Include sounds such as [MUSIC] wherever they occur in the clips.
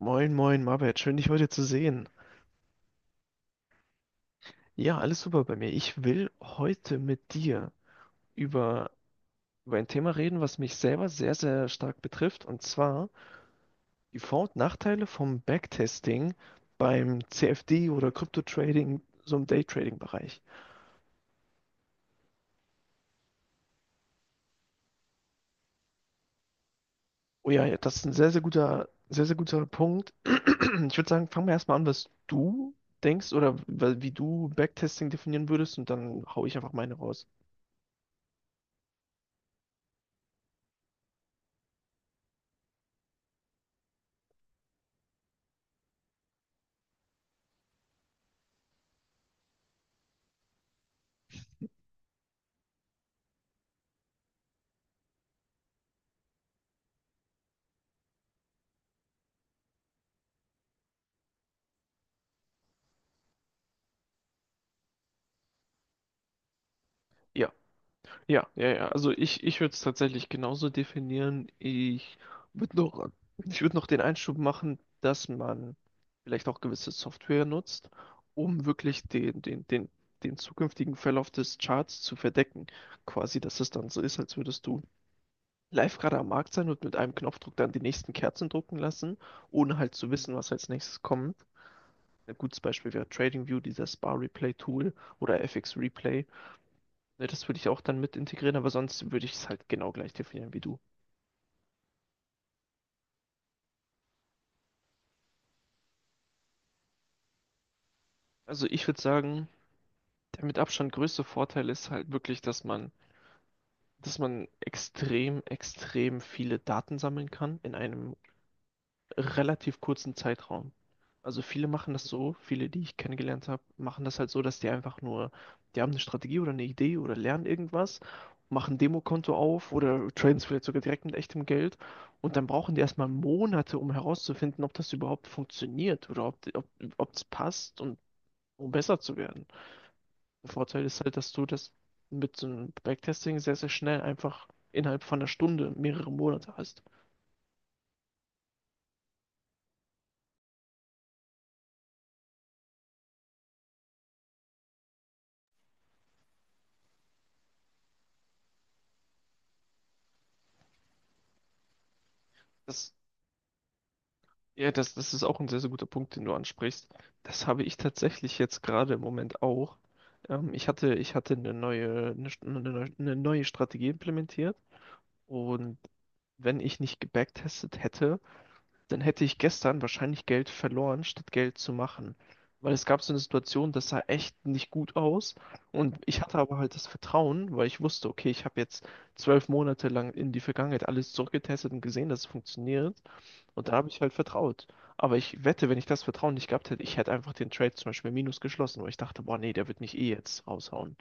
Moin, moin, Marbert, schön dich heute zu sehen. Ja, alles super bei mir. Ich will heute mit dir über, über ein Thema reden, was mich selber sehr, sehr stark betrifft, und zwar die Vor- und Nachteile vom Backtesting beim CFD oder Crypto-Trading, so im Daytrading-Bereich. Oh ja, ja, das ist ein sehr, sehr guter Punkt. [CLEARS THROAT] Ich würde sagen, fangen wir erstmal an, was du denkst oder wie du Backtesting definieren würdest, und dann hau ich einfach meine raus. Ja. Ja, ja, ja. Also ich würde es tatsächlich genauso definieren. Würde noch, ich würde noch den Einschub machen, dass man vielleicht auch gewisse Software nutzt, um wirklich den zukünftigen Verlauf des Charts zu verdecken. Quasi, dass es dann so ist, als würdest du live gerade am Markt sein und mit einem Knopfdruck dann die nächsten Kerzen drucken lassen, ohne halt zu wissen, was als nächstes kommt. Ein gutes Beispiel wäre TradingView, dieses Bar replay tool oder FX-Replay. Ne, das würde ich auch dann mit integrieren, aber sonst würde ich es halt genau gleich definieren wie du. Also ich würde sagen, der mit Abstand größte Vorteil ist halt wirklich, dass man extrem, extrem viele Daten sammeln kann in einem relativ kurzen Zeitraum. Also viele machen das so, viele, die ich kennengelernt habe, machen das halt so, dass die einfach nur, die haben eine Strategie oder eine Idee oder lernen irgendwas, machen ein Demokonto auf oder traden es vielleicht sogar direkt mit echtem Geld und dann brauchen die erstmal Monate, um herauszufinden, ob das überhaupt funktioniert oder ob es passt und um besser zu werden. Der Vorteil ist halt, dass du das mit so einem Backtesting sehr, sehr schnell einfach innerhalb von einer Stunde mehrere Monate hast. Das Ja, das ist auch ein sehr, sehr guter Punkt, den du ansprichst. Das habe ich tatsächlich jetzt gerade im Moment auch. Ich hatte, ich hatte eine neue Strategie implementiert und wenn ich nicht gebacktestet hätte, dann hätte ich gestern wahrscheinlich Geld verloren, statt Geld zu machen. Weil es gab so eine Situation, das sah echt nicht gut aus und ich hatte aber halt das Vertrauen, weil ich wusste, okay, ich habe jetzt 12 Monate lang in die Vergangenheit alles zurückgetestet und gesehen, dass es funktioniert. Und da habe ich halt vertraut. Aber ich wette, wenn ich das Vertrauen nicht gehabt hätte, ich hätte einfach den Trade zum Beispiel minus geschlossen, weil ich dachte, boah, nee, der wird mich eh jetzt raushauen.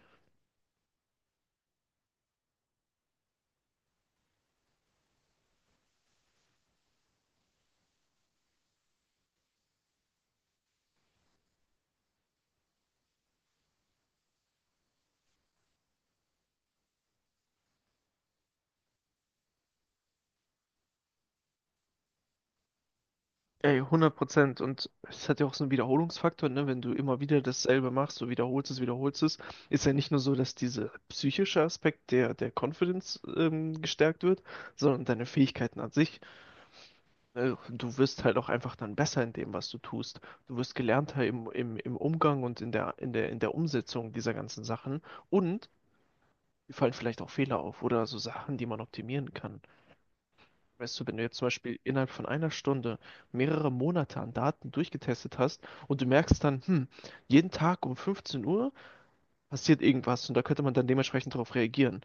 Ey, 100%. Und es hat ja auch so einen Wiederholungsfaktor, ne? Wenn du immer wieder dasselbe machst, so wiederholst es, ist ja nicht nur so, dass dieser psychische Aspekt der Confidence gestärkt wird, sondern deine Fähigkeiten an sich. Du wirst halt auch einfach dann besser in dem, was du tust. Du wirst gelernter im Umgang und in der Umsetzung dieser ganzen Sachen. Und mir fallen vielleicht auch Fehler auf oder so Sachen, die man optimieren kann. Weißt du, wenn du jetzt zum Beispiel innerhalb von einer Stunde mehrere Monate an Daten durchgetestet hast und du merkst dann, hm, jeden Tag um 15 Uhr passiert irgendwas und da könnte man dann dementsprechend darauf reagieren.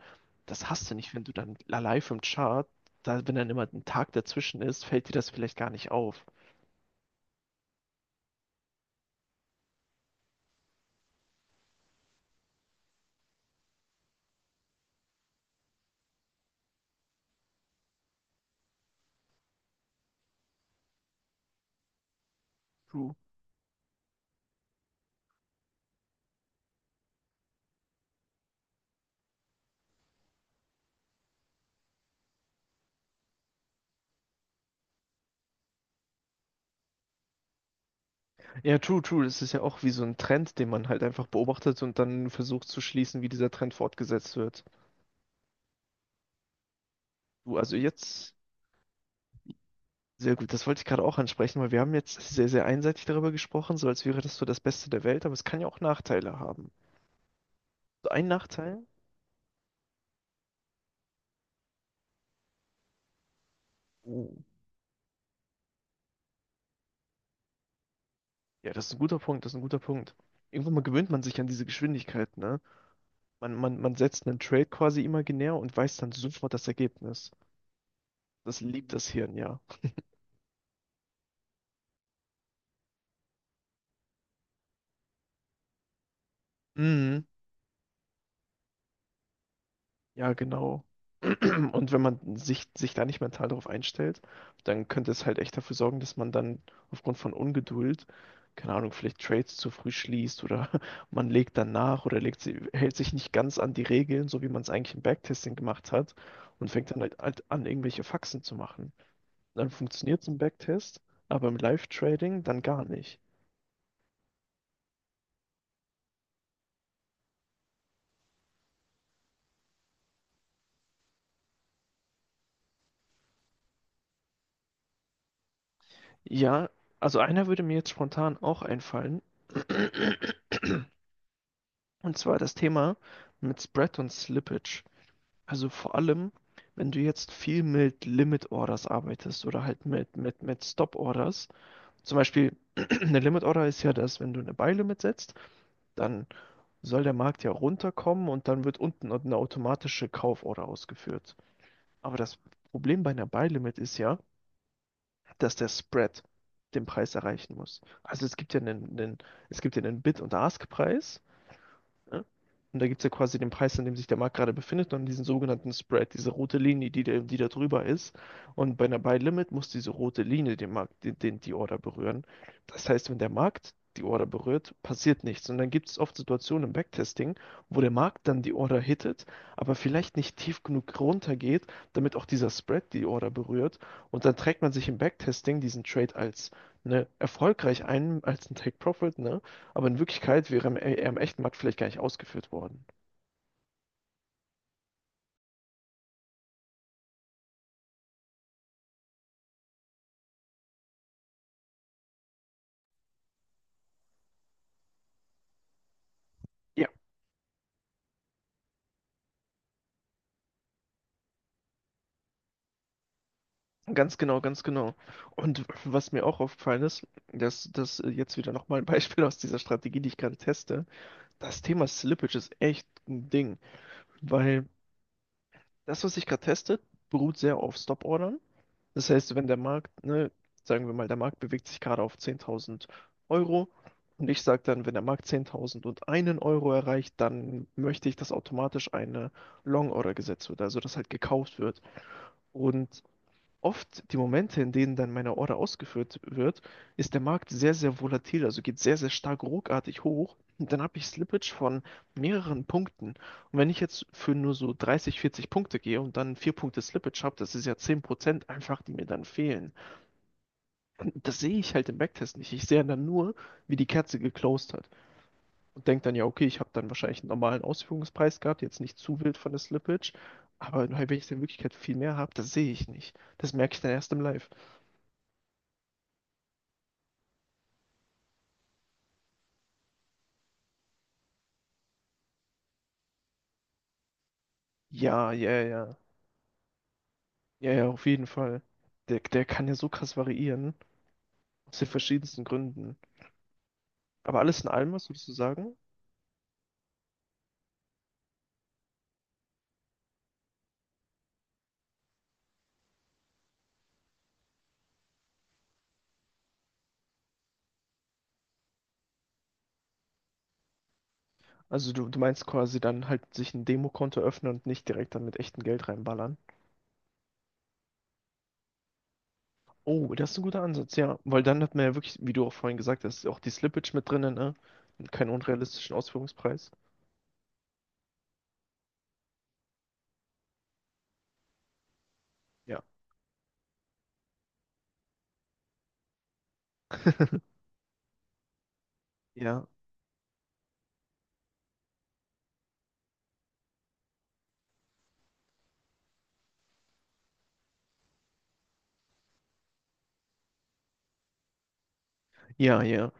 Das hast du nicht, wenn du dann live im Chart, da, wenn dann immer ein Tag dazwischen ist, fällt dir das vielleicht gar nicht auf. True. Ja, true, true. Das ist ja auch wie so ein Trend, den man halt einfach beobachtet und dann versucht zu schließen, wie dieser Trend fortgesetzt wird. Du, also jetzt. Sehr gut, das wollte ich gerade auch ansprechen, weil wir haben jetzt sehr, sehr einseitig darüber gesprochen, so als wäre das so das Beste der Welt, aber es kann ja auch Nachteile haben. So ein Nachteil? Oh, ja, das ist ein guter Punkt, das ist ein guter Punkt. Irgendwann mal gewöhnt man sich an diese Geschwindigkeit, ne? Man setzt einen Trade quasi imaginär und weiß dann sofort das Ergebnis. Das liebt das Hirn, ja. Mhm. Ja, genau. [CLEARS THROAT] Und wenn man sich, sich da nicht mental darauf einstellt, dann könnte es halt echt dafür sorgen, dass man dann aufgrund von Ungeduld, keine Ahnung, vielleicht Trades zu früh schließt oder [LAUGHS] man legt dann nach oder legt sie, hält sich nicht ganz an die Regeln, so wie man es eigentlich im Backtesting gemacht hat und fängt dann halt an, irgendwelche Faxen zu machen. Dann funktioniert es im Backtest, aber im Live-Trading dann gar nicht. Ja, also einer würde mir jetzt spontan auch einfallen, und zwar das Thema mit Spread und Slippage. Also vor allem, wenn du jetzt viel mit Limit Orders arbeitest oder halt mit Stop Orders. Zum Beispiel, [CLEARS THROAT] eine Limit Order ist ja das, wenn du eine Buy Limit setzt, dann soll der Markt ja runterkommen und dann wird unten eine automatische Kauforder ausgeführt. Aber das Problem bei einer Buy Limit ist ja, dass der Spread den Preis erreichen muss. Also es gibt ja einen Bid- und Ask-Preis. Ne? Und da gibt es ja quasi den Preis, an dem sich der Markt gerade befindet, und diesen sogenannten Spread, diese rote Linie, die, die da drüber ist. Und bei einer Buy Limit muss diese rote Linie den Markt, die Order berühren. Das heißt, wenn der Markt die Order berührt, passiert nichts. Und dann gibt es oft Situationen im Backtesting, wo der Markt dann die Order hittet, aber vielleicht nicht tief genug runtergeht, damit auch dieser Spread die Order berührt. Und dann trägt man sich im Backtesting diesen Trade als ne, erfolgreich ein, als ein Take Profit, ne? Aber in Wirklichkeit wäre er im echten Markt vielleicht gar nicht ausgeführt worden. Ja. Ganz genau, ganz genau. Und was mir auch aufgefallen ist, dass das jetzt wieder nochmal ein [LAUGHS] Beispiel aus dieser Strategie, die ich gerade teste. Das Thema Slippage ist echt ein Ding, weil das, was ich gerade teste, beruht sehr auf Stop-Ordern. Das heißt, wenn der Markt, ne, sagen wir mal, der Markt bewegt sich gerade auf 10.000 Euro und ich sage dann, wenn der Markt 10.001 Euro erreicht, dann möchte ich, dass automatisch eine Long-Order gesetzt wird, also dass halt gekauft wird. Und oft die Momente, in denen dann meine Order ausgeführt wird, ist der Markt sehr, sehr volatil, also geht sehr, sehr stark ruckartig hoch. Und dann habe ich Slippage von mehreren Punkten. Und wenn ich jetzt für nur so 30, 40 Punkte gehe und dann 4 Punkte Slippage habe, das ist ja 10% einfach, die mir dann fehlen. Das sehe ich halt im Backtest nicht. Ich sehe dann nur, wie die Kerze geclosed hat. Und denke dann, ja, okay, ich habe dann wahrscheinlich einen normalen Ausführungspreis gehabt, jetzt nicht zu wild von der Slippage. Aber wenn ich in Wirklichkeit viel mehr habe, das sehe ich nicht. Das merke ich dann erst im Live. Ja, ja, ja. Ja, ja, auf jeden Fall. Der, der kann ja so krass variieren, aus den verschiedensten Gründen. Aber alles in allem, was würdest du sagen? Also du meinst quasi dann halt sich ein Demokonto öffnen und nicht direkt dann mit echtem Geld reinballern. Oh, das ist ein guter Ansatz, ja. Weil dann hat man ja wirklich, wie du auch vorhin gesagt hast, auch die Slippage mit drinnen, ne? Und keinen unrealistischen Ausführungspreis. Ja. Ja, ja, ja.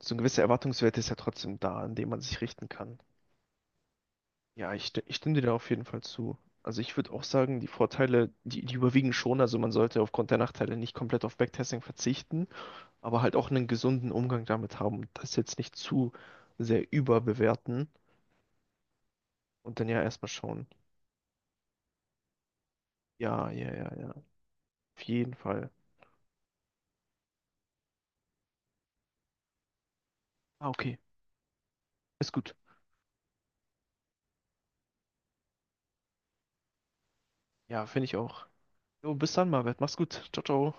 So ein gewisser Erwartungswert ist ja trotzdem da, an dem man sich richten kann. Ja, ich, ich stimme dir da auf jeden Fall zu. Also ich würde auch sagen, die Vorteile, die, die überwiegen schon. Also man sollte aufgrund der Nachteile nicht komplett auf Backtesting verzichten, aber halt auch einen gesunden Umgang damit haben und das jetzt nicht zu sehr überbewerten und dann ja erstmal schauen. Ja, ja, ja, ja. Auf jeden Fall. Ah, okay. Ist gut. Ja, finde ich auch. Jo, bis dann, Marvet. Mach's gut. Ciao, ciao.